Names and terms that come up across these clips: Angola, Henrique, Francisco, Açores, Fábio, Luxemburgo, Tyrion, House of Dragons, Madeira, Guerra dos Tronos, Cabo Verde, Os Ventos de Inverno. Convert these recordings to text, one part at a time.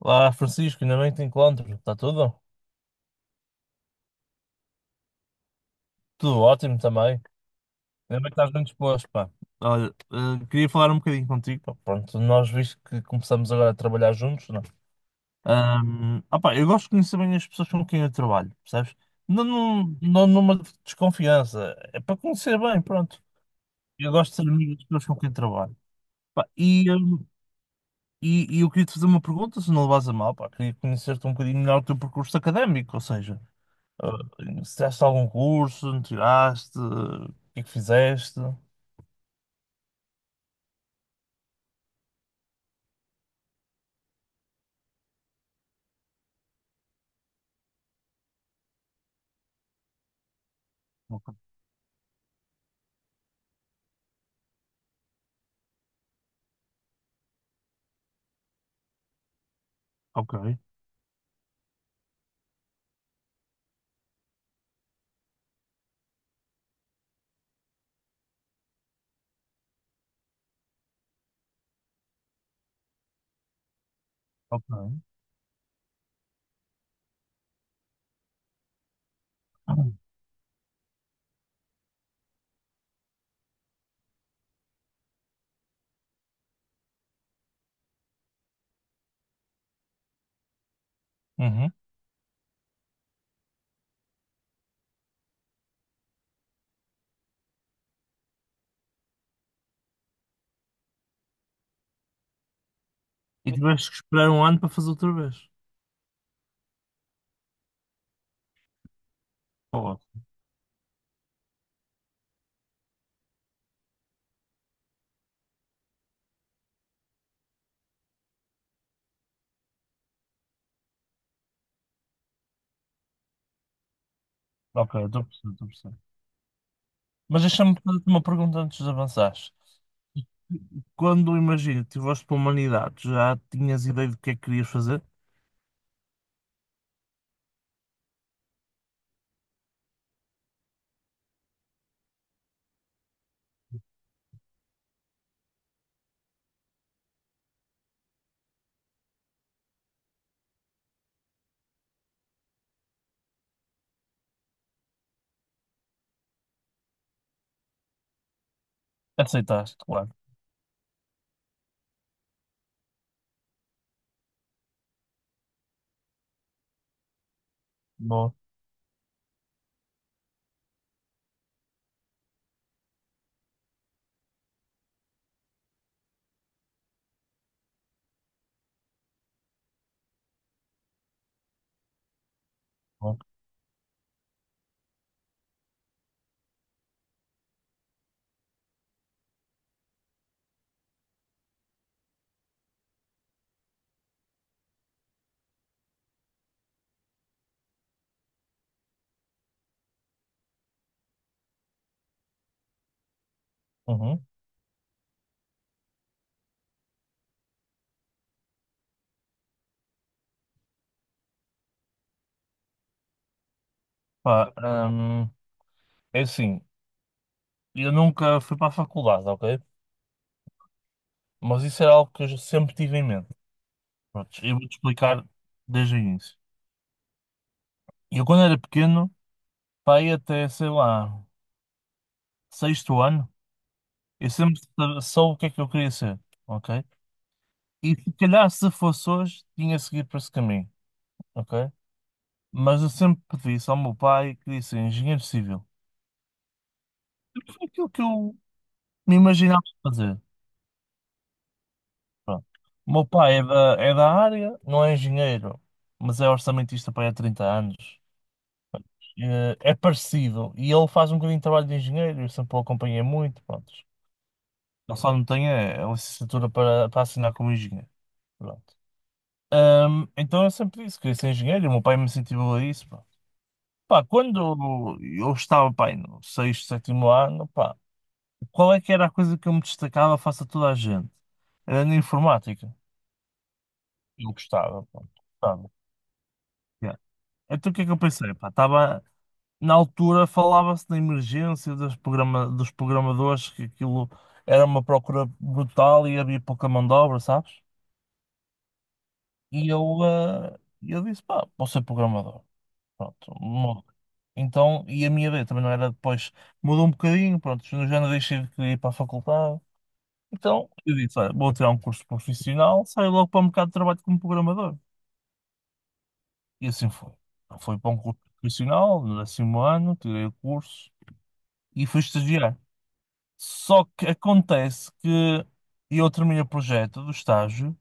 Olá, Francisco, ainda bem que te encontro. Está tudo? Tudo ótimo também. Ainda bem que estás bem disposto, pá. Olha, queria falar um bocadinho contigo, pá. Pronto, nós visto que começamos agora a trabalhar juntos, não? é? Pá, eu gosto de conhecer bem as pessoas com quem eu trabalho, percebes? Não, não, não numa desconfiança, é para conhecer bem, pronto. Eu gosto de ser amigo das pessoas com quem trabalho. Pá, e eu queria te fazer uma pergunta, se não levas a mal, pá. Queria conhecer-te um bocadinho melhor o teu percurso académico, ou seja. Ah, se tiraste algum curso, não tiraste? O que é que fizeste? Ok, ok. Ok. Uhum. E tiveste que esperar um ano para fazer outra vez. Pô, ok, estou a perceber, estou a perceber. Mas deixa-me fazer-te uma pergunta antes de avançares. Quando, imagina, tiveste para a humanidade, já tinhas ideia do que é que querias fazer? Aceitaste, claro. Boa, boa. Uhum. Pá, hum, é assim, eu nunca fui para a faculdade, ok? Mas isso era algo que eu já sempre tive em mente. Pronto, eu vou-te explicar desde o início. Eu, quando era pequeno, pá, ia até, sei lá, sexto ano, eu soube o que é que eu queria ser, ok? E se calhar, se fosse hoje, tinha seguido por esse caminho, ok? Mas eu sempre pedi isso ao meu pai que disse engenheiro civil. Foi aquilo que eu me imaginava fazer. Pronto. O meu pai é da área, não é engenheiro, mas é orçamentista para aí há 30 anos. É parecido. E ele faz um bocadinho de trabalho de engenheiro, eu sempre o acompanhei muito. Pronto. Ele só não tem a licenciatura para, para assinar como engenheiro. Pronto. Então eu sempre disse que queria ser engenheiro e o meu pai me incentivou a isso. Pá, pá, quando eu estava, pá, aí no sexto, sétimo ano, qual é que era a coisa que eu me destacava face a toda a gente? Era na informática. Eu gostava, pronto, gostava. Yeah. Então o que é que eu pensei? Pá, tava, na altura falava-se da emergência dos, programa, dos programadores, que aquilo era uma procura brutal e havia pouca mão de obra, sabes? E eu, eh, eu disse, pá, posso ser programador. Pronto, mudou. Então, e a minha ideia também não era depois, mudou um bocadinho, pronto, eu já não deixei de querer ir para a faculdade. Então, eu disse, olha, vou tirar um curso profissional, saio logo para o mercado de trabalho como programador. E assim foi. Fui para um curso profissional, no 10º ano, tirei o curso e fui estagiar. Só que acontece que eu terminei o projeto do estágio,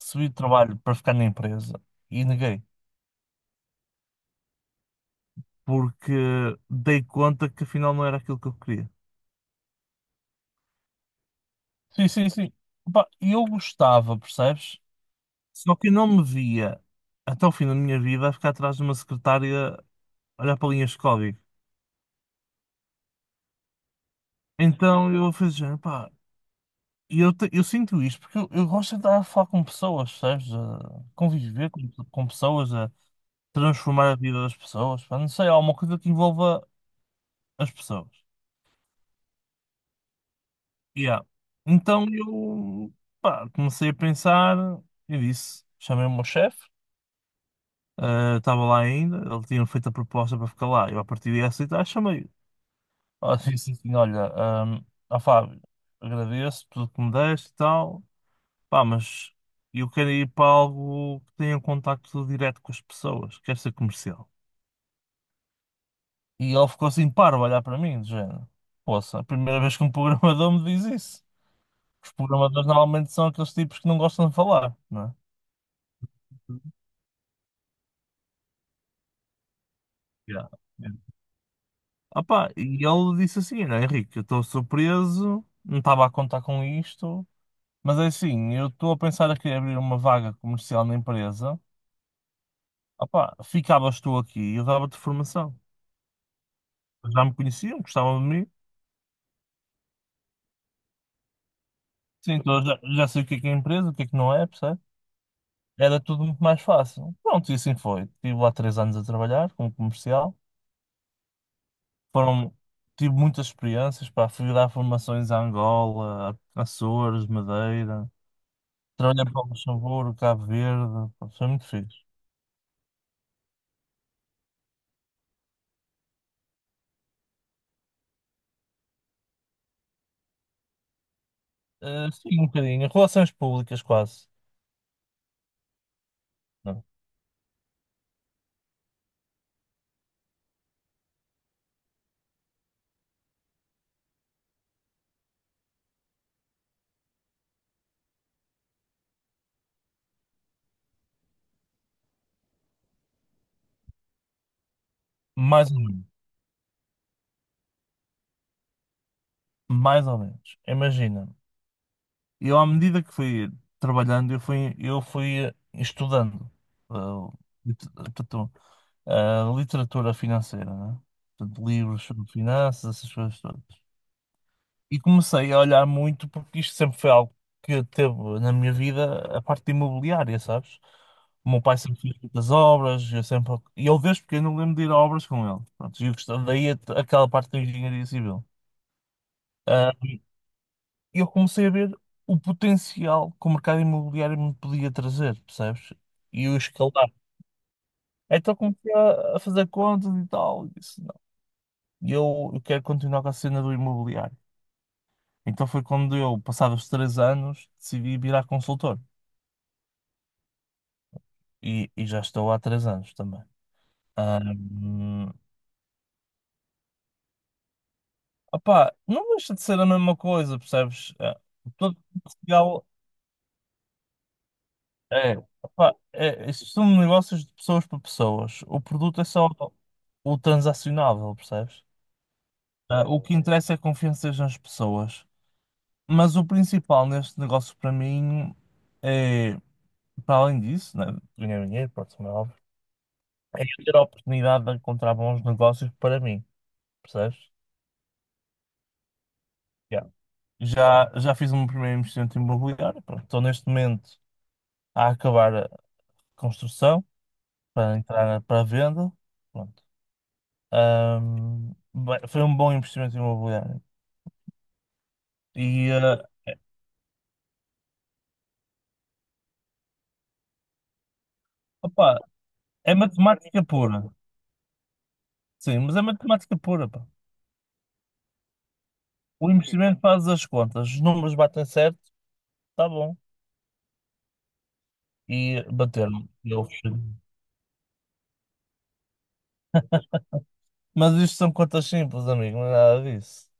recebi trabalho para ficar na empresa e neguei, porque dei conta que afinal não era aquilo que eu queria. Sim, sim, sim. Opa, eu gostava, percebes? Só que eu não me via até o fim da minha vida a ficar atrás de uma secretária olhar para linhas de código. Então eu fiz género, pá, eu sinto isto porque eu gosto de estar a falar com pessoas, sabes? A conviver com pessoas, a transformar a vida das pessoas, pá, não sei, alguma coisa que envolva as pessoas. Yeah. Então eu, pá, comecei a pensar e disse, chamei o meu chefe, estava lá ainda, ele tinha feito a proposta para ficar lá, eu a partir de aceitar, chamei-o. Disse assim, olha, ah Fábio, agradeço tudo que me deste e tal. Pá, mas eu quero ir para algo que tenha um contacto direto com as pessoas, quero ser comercial. E ele ficou assim parvo a olhar para mim, de género. Poça, a primeira vez que um programador me diz isso. Os programadores normalmente são aqueles tipos que não gostam de falar, não é? Yeah. Yeah. Ah pá, e ele disse assim, olha, Henrique, eu estou surpreso, não estava a contar com isto, mas é assim, eu estou a pensar aqui em abrir uma vaga comercial na empresa. Ah pá, ficavas tu aqui e eu dava-te formação. Já me conheciam, gostavam de mim, sim, então já, já sei o que é empresa, o que é que não é, percebe? Era tudo muito mais fácil. Pronto, e assim foi. Estive lá 3 anos a trabalhar como comercial. Foram, tive muitas experiências, pá, fui dar formações a Angola, a Açores, Madeira. Trabalhei para o Luxemburgo, Cabo Verde, pá, foi muito fixe. Sim, um bocadinho. Relações públicas quase. Não. Mais ou menos. Mais ou menos. Imagina. Eu, à medida que fui trabalhando, eu fui estudando. Eh, literatura financeira, né? Portanto, livros sobre finanças, essas coisas todas. E comecei a olhar muito porque isto sempre foi algo que teve na minha vida a parte de imobiliária, sabes? O meu pai sempre fez muitas obras, eu sempre... e eu desde pequeno não lembro de ir a obras com ele. Pronto, e eu gostava- daí a- aquela parte da engenharia civil. Ah, eu comecei a ver o potencial que o mercado imobiliário me podia trazer, percebes? E o escalar. Então comecei a fazer contas e tal. E eu quero continuar com a cena do imobiliário. Então foi quando eu, passados 3 anos, decidi virar consultor. E já estou há 3 anos também. Ahm, opá, não deixa de ser a mesma coisa, percebes? Ah, todo Portugal é, opá, é, isto são negócios de pessoas para pessoas. O produto é só o transacionável, percebes? Ah, o que interessa é confianças nas pessoas. Mas o principal neste negócio para mim é, para além disso, né, ganhar dinheiro, pronto, como é óbvio, é eu ter a oportunidade de encontrar bons negócios para mim, percebes? Yeah. Já, já fiz um primeiro investimento imobiliário, pronto, estou neste momento a acabar a construção para entrar na- para a venda, pronto. Bem, foi um bom investimento imobiliário. E, eh, opá, é matemática pura, sim, mas é matemática pura, pá. O investimento faz as contas, os números batem certo, está bom. E bateram. Eu fechei. Mas isto são contas simples, amigo, não é nada disso.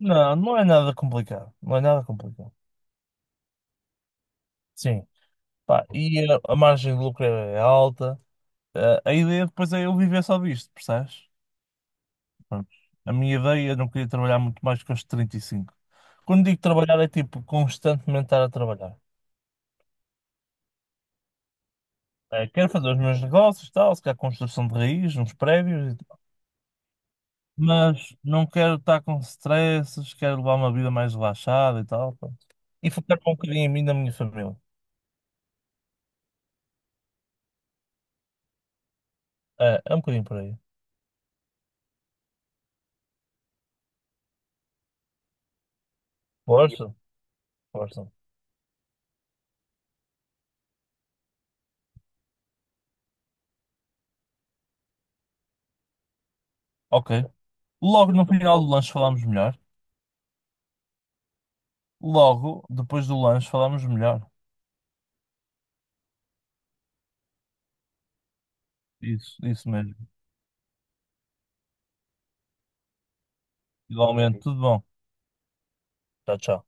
Não, não é nada complicado. Não é nada complicado. Sim. Pá, e a margem de lucro é alta. A ideia depois é eu viver só disto, percebes? Pronto. A minha ideia, eu não queria trabalhar muito mais que os 35. Quando digo trabalhar, é tipo constantemente estar a trabalhar. Quero fazer os meus negócios, tal, se calhar construção de raiz, uns prédios e tal. Mas não quero estar com stresses, quero levar uma vida mais relaxada e tal. Pronto. E focar um bocadinho em mim e na minha família. É, é um bocadinho por aí. Força, força. Ok. Logo no final do lanche falamos melhor. Logo depois do lanche falamos melhor. Isso mesmo. Igualmente, tudo bom. Tchau, tchau.